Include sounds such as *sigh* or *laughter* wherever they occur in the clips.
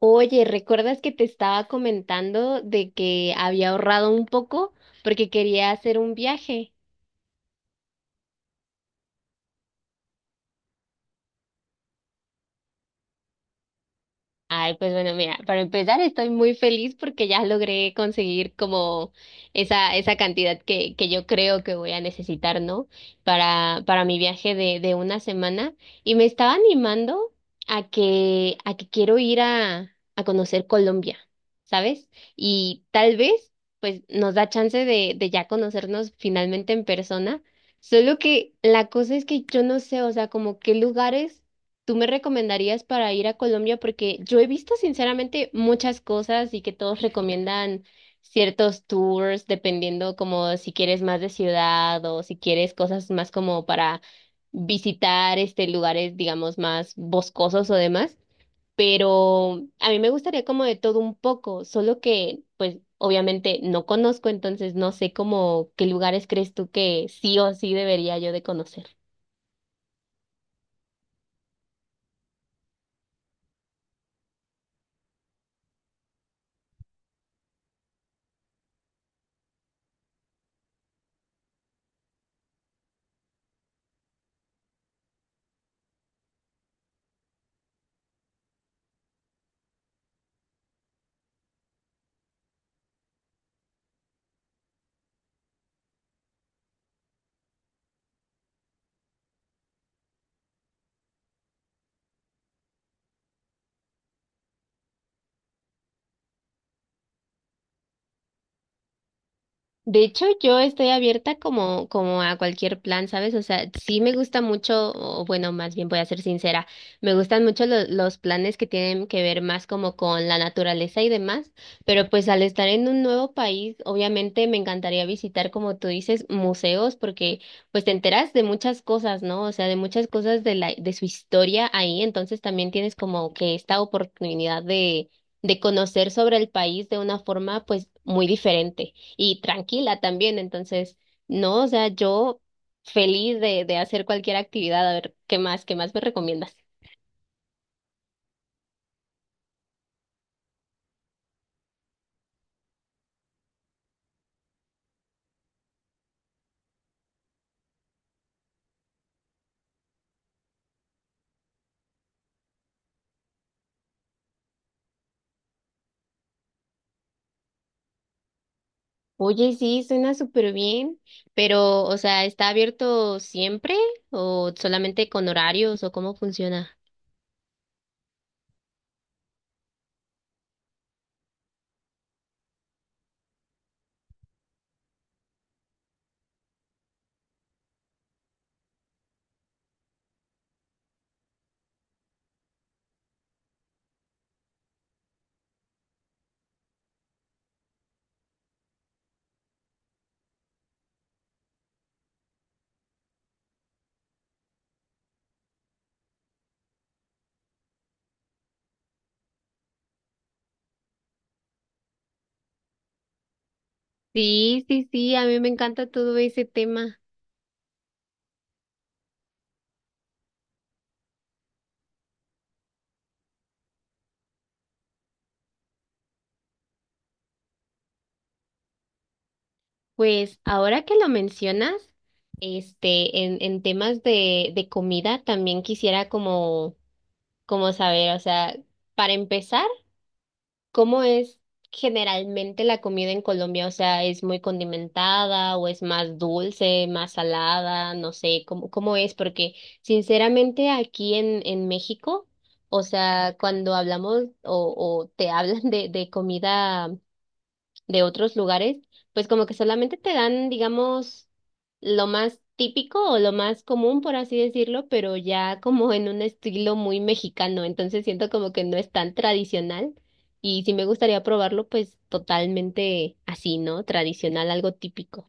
Oye, ¿recuerdas que te estaba comentando de que había ahorrado un poco porque quería hacer un viaje? Ay, pues bueno, mira, para empezar estoy muy feliz porque ya logré conseguir como esa cantidad que yo creo que voy a necesitar, ¿no? Para mi viaje de una semana. Y me estaba animando a que quiero ir a conocer Colombia, ¿sabes? Y tal vez, pues, nos da chance de ya conocernos finalmente en persona. Solo que la cosa es que yo no sé, o sea, como qué lugares tú me recomendarías para ir a Colombia. Porque yo he visto sinceramente muchas cosas y que todos recomiendan ciertos tours, dependiendo como si quieres más de ciudad o si quieres cosas más como para visitar este lugares, digamos, más boscosos o demás. Pero a mí me gustaría como de todo un poco, solo que pues obviamente no conozco, entonces no sé como qué lugares crees tú que sí o sí debería yo de conocer. De hecho, yo estoy abierta como, como a cualquier plan, ¿sabes? O sea, sí me gusta mucho, o bueno, más bien voy a ser sincera, me gustan mucho los planes que tienen que ver más como con la naturaleza y demás, pero pues al estar en un nuevo país, obviamente me encantaría visitar, como tú dices, museos, porque pues te enteras de muchas cosas, ¿no? O sea, de muchas cosas de de su historia ahí, entonces también tienes como que esta oportunidad de conocer sobre el país de una forma pues muy diferente y tranquila también. Entonces, no, o sea, yo feliz de hacer cualquier actividad. A ver, ¿qué más me recomiendas? Oye, sí, suena súper bien, pero, o sea, ¿está abierto siempre o solamente con horarios o cómo funciona? Sí, sí, sí, a mí me encanta todo ese tema. Pues ahora que lo mencionas, en temas de comida, también quisiera como, como saber, o sea, para empezar, ¿cómo es generalmente la comida en Colombia? O sea, ¿es muy condimentada o es más dulce, más salada? No sé, ¿cómo es? Porque sinceramente aquí en México, o sea, cuando hablamos o te *laughs* hablan de comida de otros lugares, pues como que solamente te dan, digamos, lo más típico o lo más común, por así decirlo, pero ya como en un estilo muy mexicano, entonces siento como que no es tan tradicional y si me gustaría probarlo, pues totalmente así, ¿no? Tradicional, algo típico.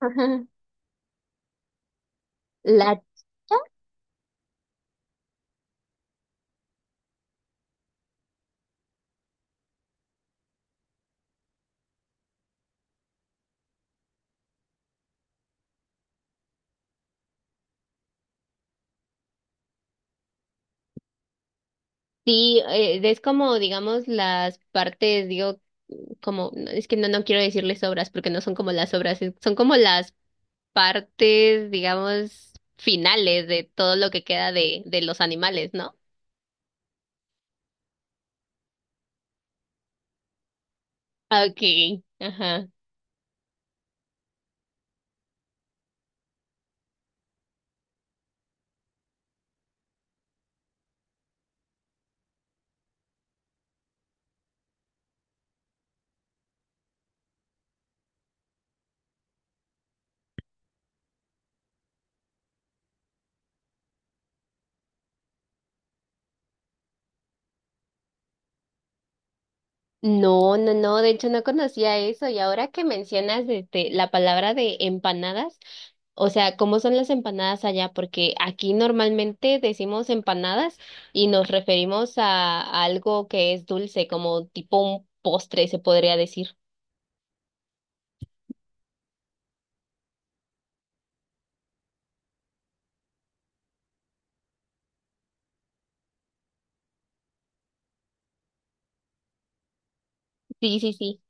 Ajá. La. Sí, es como, digamos, las partes, digo, como, no, es que no quiero decirles obras porque no son como las obras, son como las partes, digamos, finales de todo lo que queda de los animales, ¿no? Okay, ajá. No, no, no, de hecho no conocía eso y ahora que mencionas este, la palabra de empanadas, o sea, ¿cómo son las empanadas allá? Porque aquí normalmente decimos empanadas y nos referimos a algo que es dulce, como tipo un postre, se podría decir. Sí, sí, sí.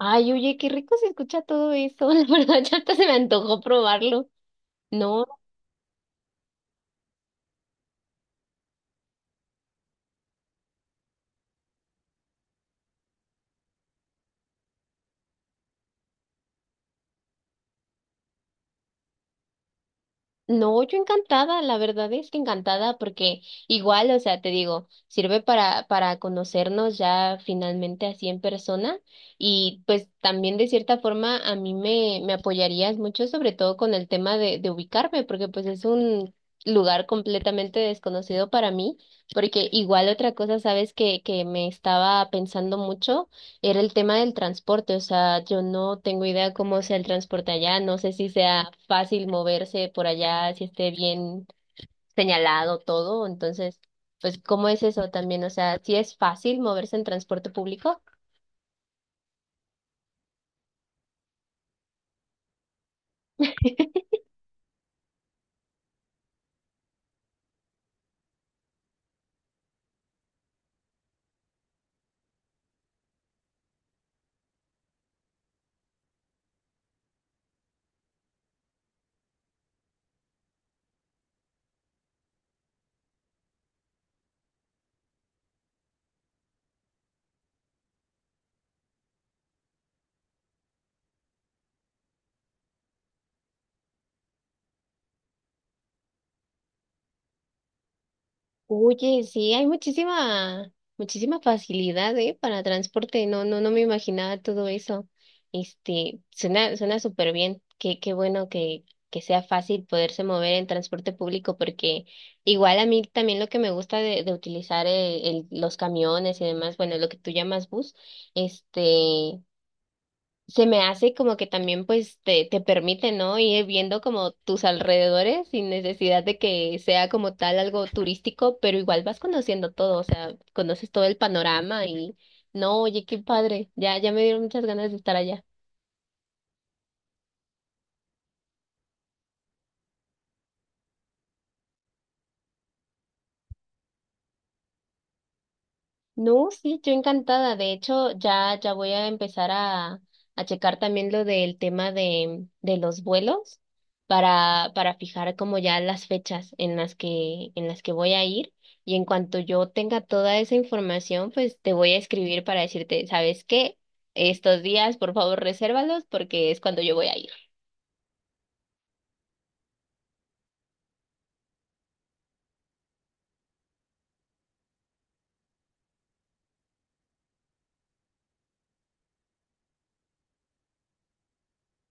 Ay, oye, qué rico se escucha todo eso. *laughs* La verdad, ya hasta se me antojó probarlo. No. No, yo encantada, la verdad es que encantada porque igual, o sea, te digo, sirve para conocernos ya finalmente así en persona y pues también de cierta forma a mí me apoyarías mucho sobre todo con el tema de ubicarme porque pues es un lugar completamente desconocido para mí, porque igual otra cosa, sabes que me estaba pensando mucho era el tema del transporte, o sea, yo no tengo idea cómo sea el transporte allá, no sé si sea fácil moverse por allá, si esté bien señalado todo, entonces, pues, ¿cómo es eso también? O sea, ¿si es fácil moverse en transporte público? Oye, sí, hay muchísima facilidad, ¿eh? Para transporte. No, no, no me imaginaba todo eso. Este, suena súper bien. Qué bueno que sea fácil poderse mover en transporte público, porque igual a mí también lo que me gusta de utilizar los camiones y demás, bueno, lo que tú llamas bus, este, se me hace como que también pues te permite, ¿no? Ir viendo como tus alrededores sin necesidad de que sea como tal algo turístico, pero igual vas conociendo todo, o sea, conoces todo el panorama y no, oye, qué padre, ya, ya me dieron muchas ganas de estar allá. No, sí, yo encantada. De hecho, ya, ya voy a empezar a checar también lo del tema de los vuelos para fijar como ya las fechas en las en las que voy a ir. Y en cuanto yo tenga toda esa información, pues te voy a escribir para decirte, ¿sabes qué? Estos días, por favor, resérvalos porque es cuando yo voy a ir.